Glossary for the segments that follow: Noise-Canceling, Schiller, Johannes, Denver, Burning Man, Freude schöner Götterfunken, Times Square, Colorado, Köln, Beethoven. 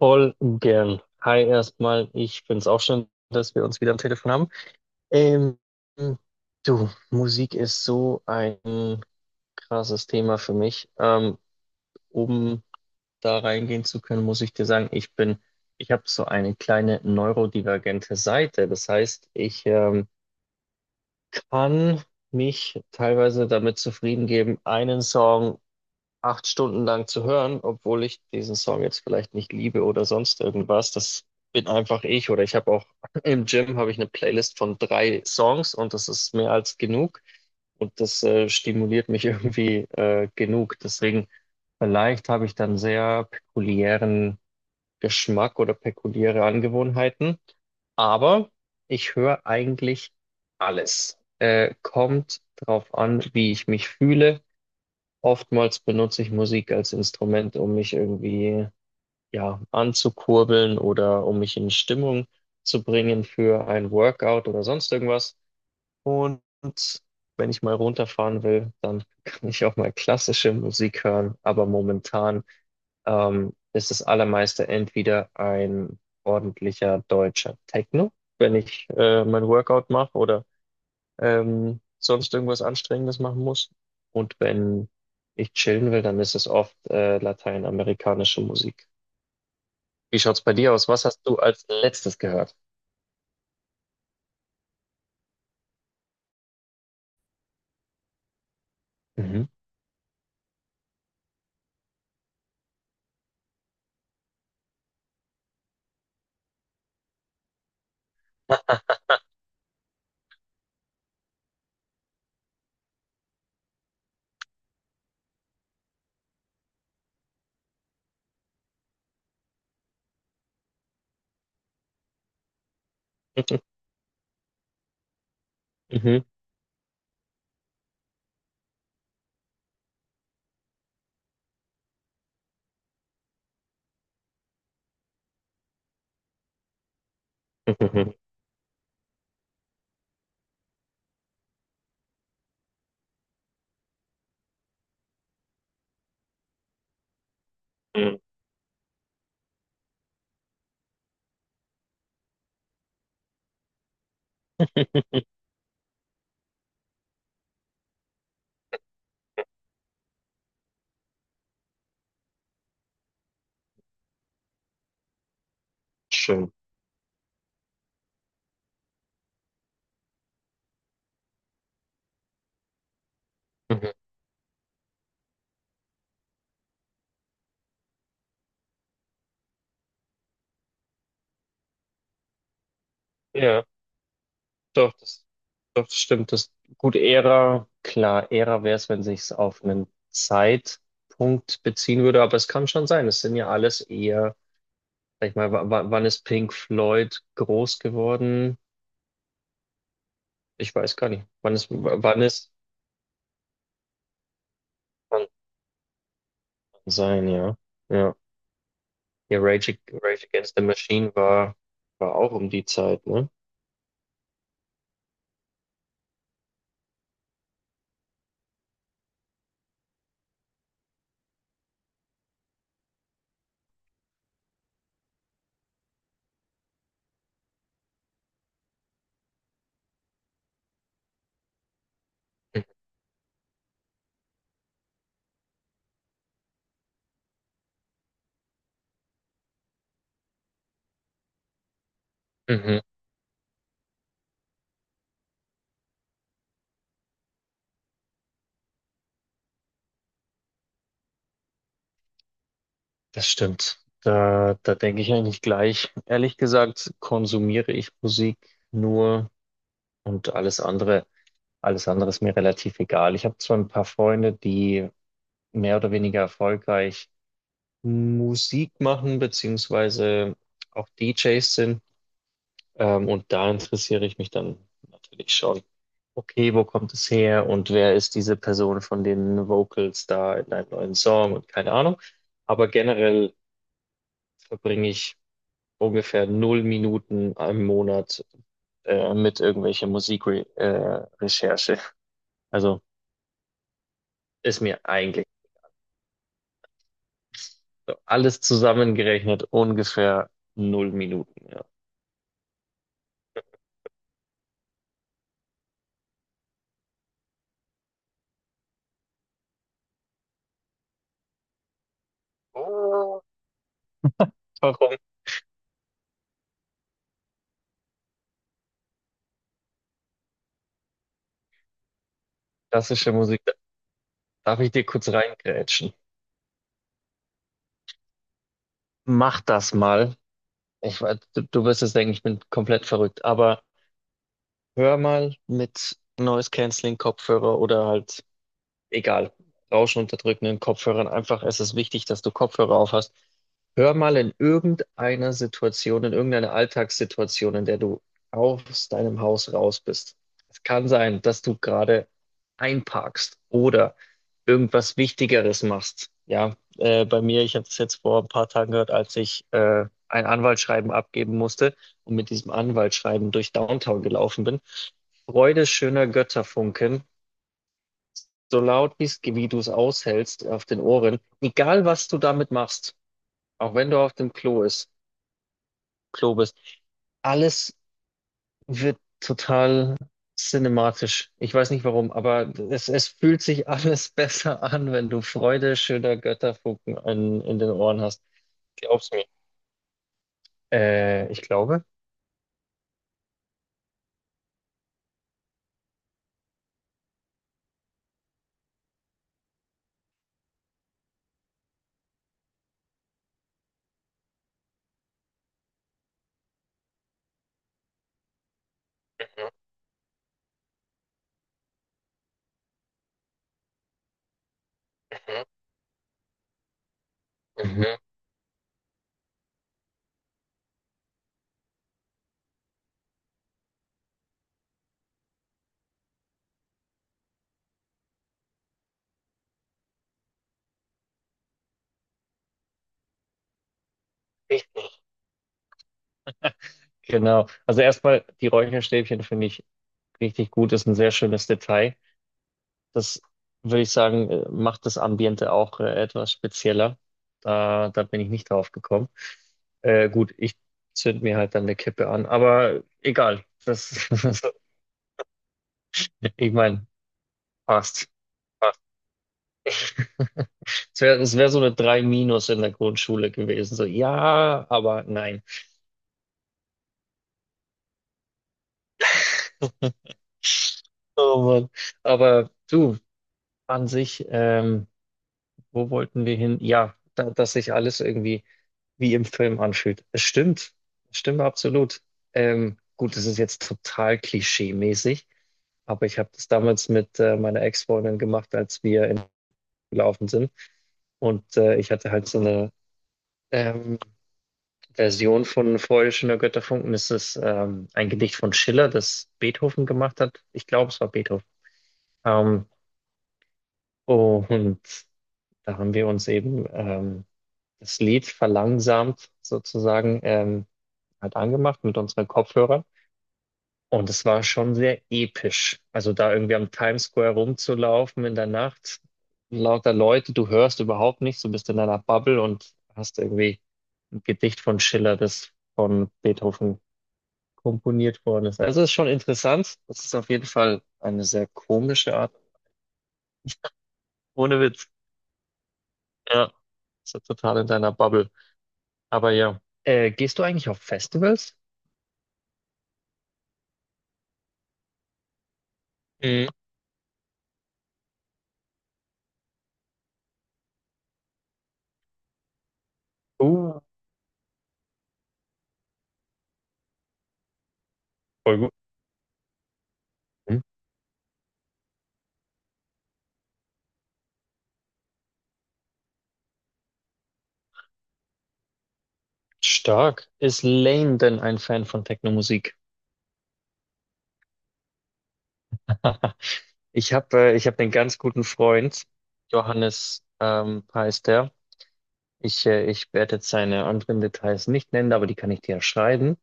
Voll gern. Hi erstmal, ich find's auch schön, dass wir uns wieder am Telefon haben. Ähm, Du, Musik ist so ein krasses Thema für mich. Um da reingehen zu können, muss ich dir sagen, ich habe so eine kleine neurodivergente Seite. Das heißt, ich kann mich teilweise damit zufrieden geben, einen Song acht Stunden lang zu hören, obwohl ich diesen Song jetzt vielleicht nicht liebe oder sonst irgendwas. Das bin einfach ich oder ich habe auch im Gym habe ich eine Playlist von drei Songs und das ist mehr als genug und das stimuliert mich irgendwie genug. Deswegen vielleicht habe ich dann sehr pekuliären Geschmack oder pekuliäre Angewohnheiten, aber ich höre eigentlich alles. Kommt drauf an, wie ich mich fühle. Oftmals benutze ich Musik als Instrument, um mich irgendwie, ja, anzukurbeln oder um mich in Stimmung zu bringen für ein Workout oder sonst irgendwas. Und wenn ich mal runterfahren will, dann kann ich auch mal klassische Musik hören. Aber momentan, ist das allermeiste entweder ein ordentlicher deutscher Techno, wenn ich mein Workout mache oder sonst irgendwas Anstrengendes machen muss. Und wenn ich chillen will, dann ist es oft lateinamerikanische Musik. Wie schaut's bei dir aus? Was hast du als letztes gehört? Mhm. Mhm. Mhm. Mhm. Schön. Mhm. Ja, doch, doch, das stimmt. Das, gut, Ära, klar, Ära wäre es, wenn sich's auf einen Zeitpunkt beziehen würde, aber es kann schon sein. Es sind ja alles eher, sag ich mal, wann ist Pink Floyd groß geworden? Ich weiß gar nicht, wann es... Kann sein, ja. Ja, ja Rage Against the Machine war, war auch um die Zeit, ne? Mhm, das stimmt. Da denke ich eigentlich gleich. Ehrlich gesagt, konsumiere ich Musik nur und alles andere ist mir relativ egal. Ich habe zwar ein paar Freunde, die mehr oder weniger erfolgreich Musik machen, beziehungsweise auch DJs sind, und da interessiere ich mich dann natürlich schon. Okay, wo kommt es her und wer ist diese Person von den Vocals da in einem neuen Song und keine Ahnung. Aber generell verbringe ich ungefähr null Minuten im Monat mit irgendwelcher Musikrecherche. Recherche. Also ist mir eigentlich so alles zusammengerechnet ungefähr null Minuten. Ja. Oh, warum? Klassische Musik. Darf ich dir kurz reingrätschen? Mach das mal. Du, du wirst es denken, ich bin komplett verrückt, aber hör mal mit Noise-Canceling-Kopfhörer oder halt, egal, rauschunterdrückenden Kopfhörern. Einfach, es ist wichtig, dass du Kopfhörer auf hast. Hör mal in irgendeiner Situation, in irgendeiner Alltagssituation, in der du aus deinem Haus raus bist. Es kann sein, dass du gerade einparkst oder irgendwas Wichtigeres machst. Ja, bei mir, ich habe das jetzt vor ein paar Tagen gehört, als ich ein Anwaltsschreiben abgeben musste und mit diesem Anwaltsschreiben durch Downtown gelaufen bin. Freude schöner Götterfunken, so laut bist, wie du es aushältst auf den Ohren, egal was du damit machst, auch wenn du auf dem Klo ist, Klo bist, alles wird total cinematisch. Ich weiß nicht warum, aber es fühlt sich alles besser an, wenn du Freude schöner Götterfunken in den Ohren hast. Glaub's mir. Ich glaube. Mhm. Mhm. Richtig. Genau. Also erstmal die Räucherstäbchen finde ich richtig gut, ist ein sehr schönes Detail. Das würde ich sagen, macht das Ambiente auch etwas spezieller. Da bin ich nicht drauf gekommen. Gut, ich zünd mir halt dann eine Kippe an, aber egal. Das, ich meine, passt. Passt. Es wär so eine 3 minus in der Grundschule gewesen. So, ja, aber nein. Oh Mann. Aber du, an sich, wo wollten wir hin? Ja, da, dass sich alles irgendwie wie im Film anfühlt. Es stimmt absolut. Gut, es ist jetzt total klischee-mäßig, aber ich habe das damals mit meiner Ex-Freundin gemacht, als wir in gelaufen sind. Und ich hatte halt so eine ähm, Version von Freude schöner Götterfunken. Das ist ein Gedicht von Schiller, das Beethoven gemacht hat. Ich glaube, es war Beethoven. Ähm, und da haben wir uns eben das Lied verlangsamt sozusagen halt angemacht mit unseren Kopfhörern. Und es war schon sehr episch. Also da irgendwie am Times Square rumzulaufen in der Nacht, lauter Leute, du hörst überhaupt nichts, du bist in deiner Bubble und hast irgendwie ein Gedicht von Schiller, das von Beethoven komponiert worden ist. Also es ist schon interessant. Das ist auf jeden Fall eine sehr komische Art. Ohne Witz. Ja, ist ja total in deiner Bubble. Aber ja, gehst du eigentlich auf Festivals? Mhm. Uh, voll gut. Mhm. Stark. Ist Lane denn ein Fan von Techno-Musik? Ich habe ich hab einen ganz guten Freund, Johannes heißt er. Ich werde jetzt seine anderen Details nicht nennen, aber die kann ich dir ja schreiben.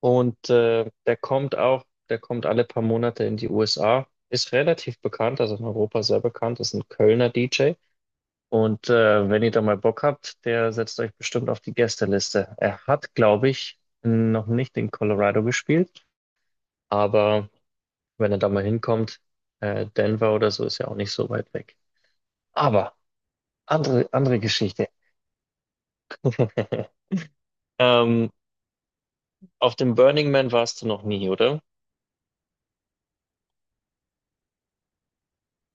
Und der kommt alle paar Monate in die USA, ist relativ bekannt, also in Europa sehr bekannt, ist ein Kölner DJ. Und wenn ihr da mal Bock habt, der setzt euch bestimmt auf die Gästeliste. Er hat, glaube ich, noch nicht in Colorado gespielt, aber wenn er da mal hinkommt. Denver oder so ist ja auch nicht so weit weg. Aber andere Geschichte. Ähm, auf dem Burning Man warst du noch nie, oder?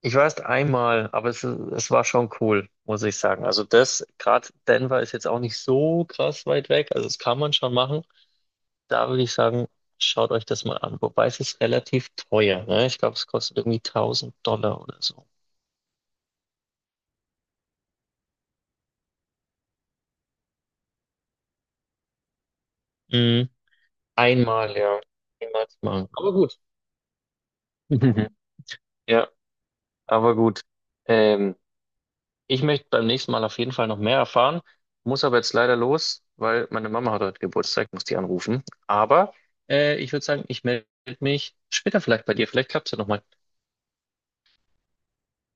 Ich war erst einmal, aber es war schon cool, muss ich sagen. Also das, gerade Denver ist jetzt auch nicht so krass weit weg, also das kann man schon machen. Da würde ich sagen, schaut euch das mal an. Wobei es ist relativ teuer, ne? Ich glaube, es kostet irgendwie 1.000 Dollar oder so. Mhm. Einmal, ja. Niemals machen. Aber gut. Ja. Aber gut, ähm, ich möchte beim nächsten Mal auf jeden Fall noch mehr erfahren, muss aber jetzt leider los, weil meine Mama hat heute Geburtstag, muss die anrufen. Aber ich würde sagen, ich melde mich später vielleicht bei dir. Vielleicht klappt es ja nochmal.